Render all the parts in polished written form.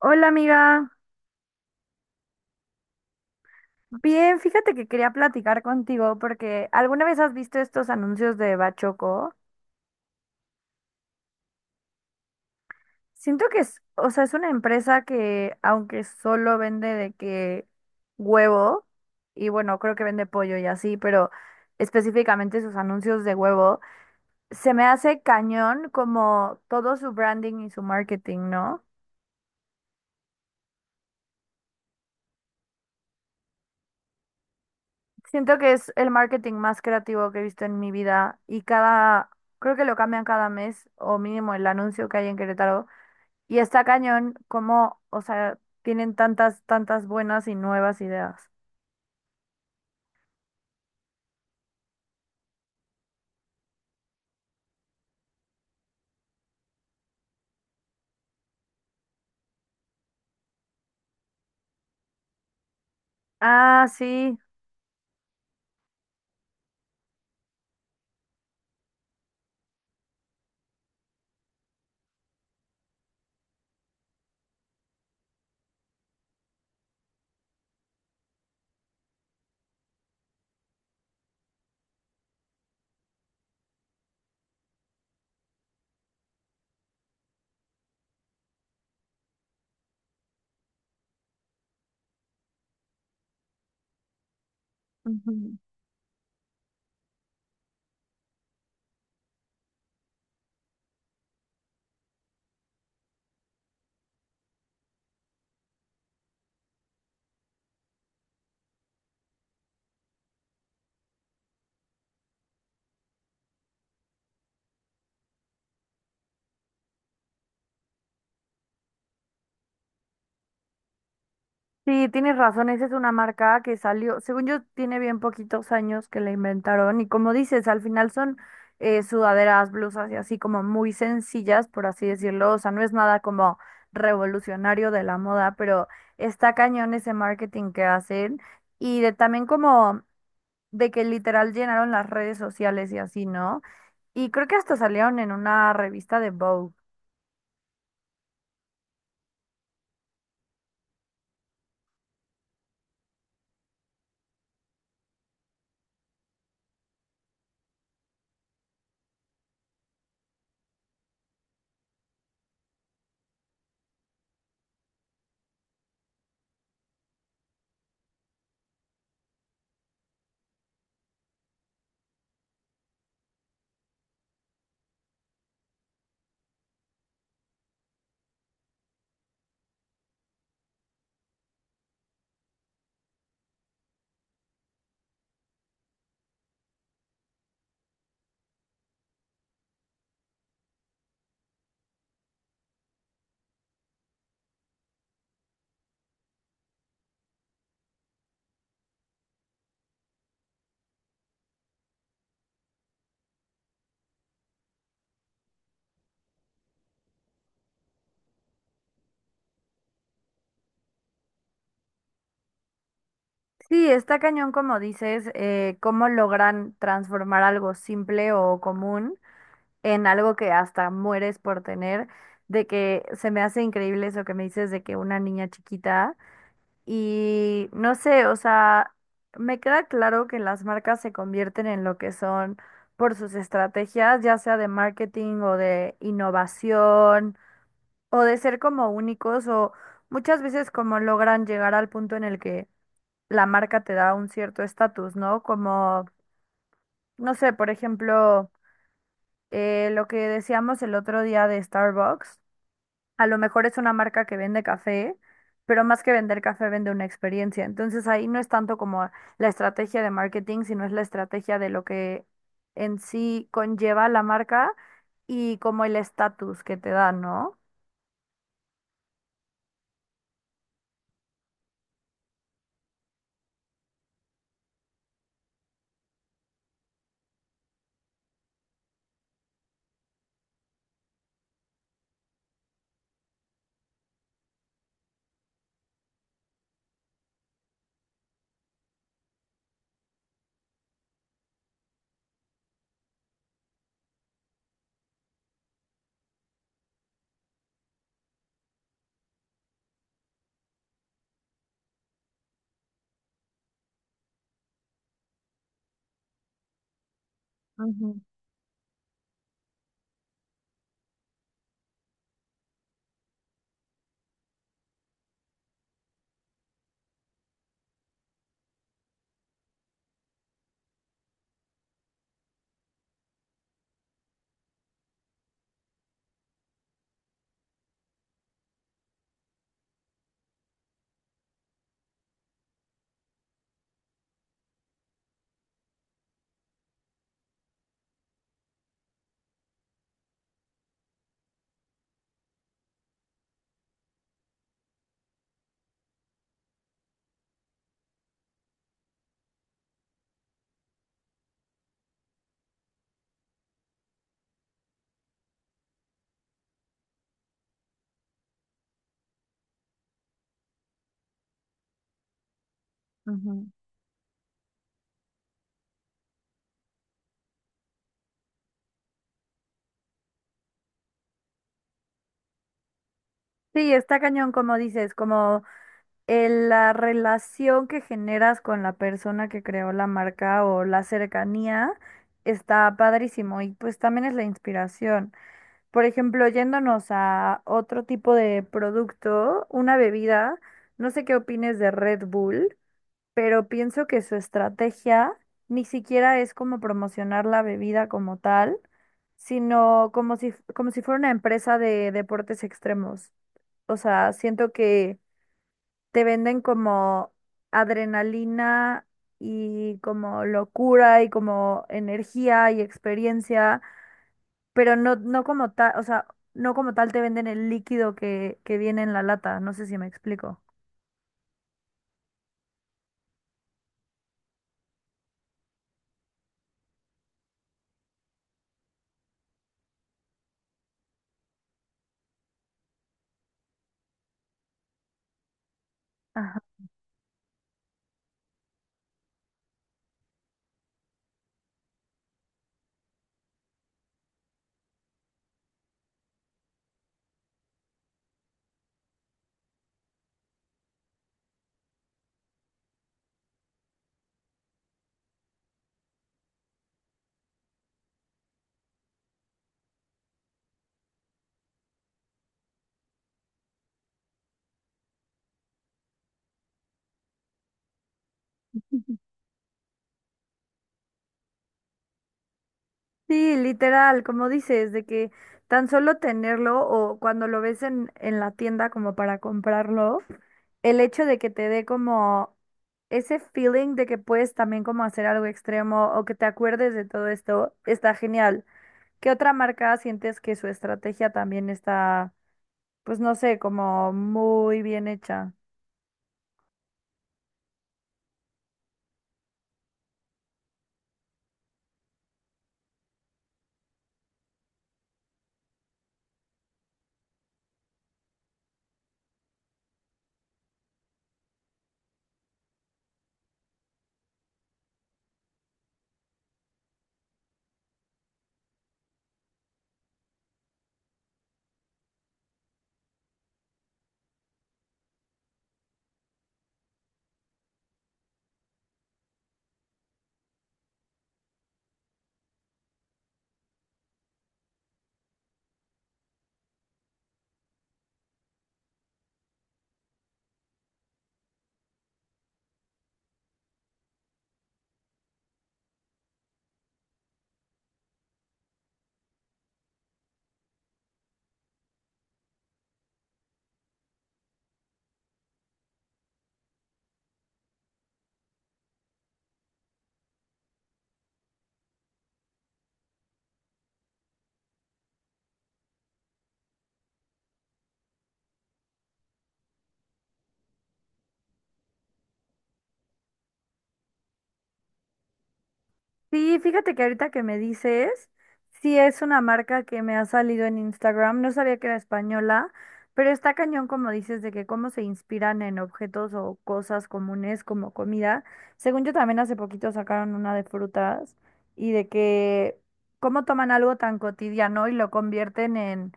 Hola amiga, bien, fíjate que quería platicar contigo porque ¿alguna vez has visto estos anuncios de Bachoco? Siento que es, o sea, es una empresa que aunque solo vende de que huevo, y bueno, creo que vende pollo y así, pero específicamente sus anuncios de huevo, se me hace cañón como todo su branding y su marketing, ¿no? Siento que es el marketing más creativo que he visto en mi vida y cada, creo que lo cambian cada mes o mínimo el anuncio que hay en Querétaro y está cañón como, o sea, tienen tantas buenas y nuevas ideas. Ah, sí. Ujú. Sí, tienes razón, esa es una marca que salió, según yo, tiene bien poquitos años que la inventaron y como dices, al final son sudaderas, blusas y así como muy sencillas, por así decirlo, o sea, no es nada como revolucionario de la moda, pero está cañón ese marketing que hacen y de también como de que literal llenaron las redes sociales y así, ¿no? Y creo que hasta salieron en una revista de Vogue. Sí, está cañón, como dices, cómo logran transformar algo simple o común en algo que hasta mueres por tener, de que se me hace increíble eso que me dices de que una niña chiquita y no sé, o sea, me queda claro que las marcas se convierten en lo que son por sus estrategias, ya sea de marketing o de innovación o de ser como únicos o muchas veces como logran llegar al punto en el que la marca te da un cierto estatus, ¿no? Como, no sé, por ejemplo, lo que decíamos el otro día de Starbucks, a lo mejor es una marca que vende café, pero más que vender café vende una experiencia. Entonces ahí no es tanto como la estrategia de marketing, sino es la estrategia de lo que en sí conlleva la marca y como el estatus que te da, ¿no? Ujú, ujú. Sí, está cañón, como dices, como la relación que generas con la persona que creó la marca o la cercanía está padrísimo y pues también es la inspiración. Por ejemplo, yéndonos a otro tipo de producto, una bebida, no sé qué opines de Red Bull, pero pienso que su estrategia ni siquiera es como promocionar la bebida como tal, sino como si fuera una empresa de deportes extremos. O sea, siento que te venden como adrenalina y como locura y como energía y experiencia, pero no, no como tal, o sea, no como tal te venden el líquido que viene en la lata, no sé si me explico. Sí, literal, como dices, de que tan solo tenerlo o cuando lo ves en la tienda como para comprarlo, el hecho de que te dé como ese feeling de que puedes también como hacer algo extremo o que te acuerdes de todo esto, está genial. ¿Qué otra marca sientes que su estrategia también está, pues no sé, como muy bien hecha? Sí, fíjate que ahorita que me dices, sí es una marca que me ha salido en Instagram, no sabía que era española, pero está cañón como dices de que cómo se inspiran en objetos o cosas comunes como comida. Según yo también hace poquito sacaron una de frutas y de que cómo toman algo tan cotidiano y lo convierten en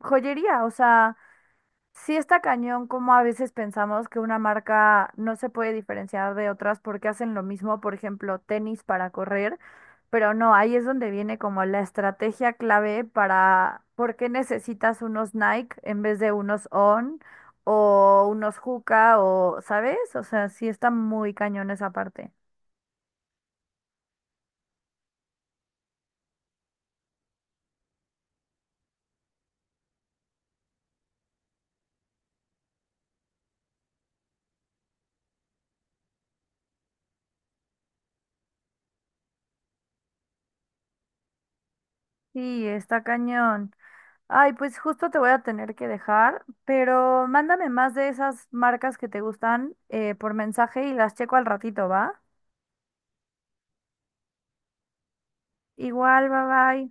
joyería, o sea... Sí está cañón como a veces pensamos que una marca no se puede diferenciar de otras porque hacen lo mismo, por ejemplo, tenis para correr, pero no, ahí es donde viene como la estrategia clave para por qué necesitas unos Nike en vez de unos On o unos Hoka o, ¿sabes? O sea, sí está muy cañón esa parte. Sí, está cañón. Ay, pues justo te voy a tener que dejar, pero mándame más de esas marcas que te gustan por mensaje y las checo al ratito, ¿va? Igual, bye bye.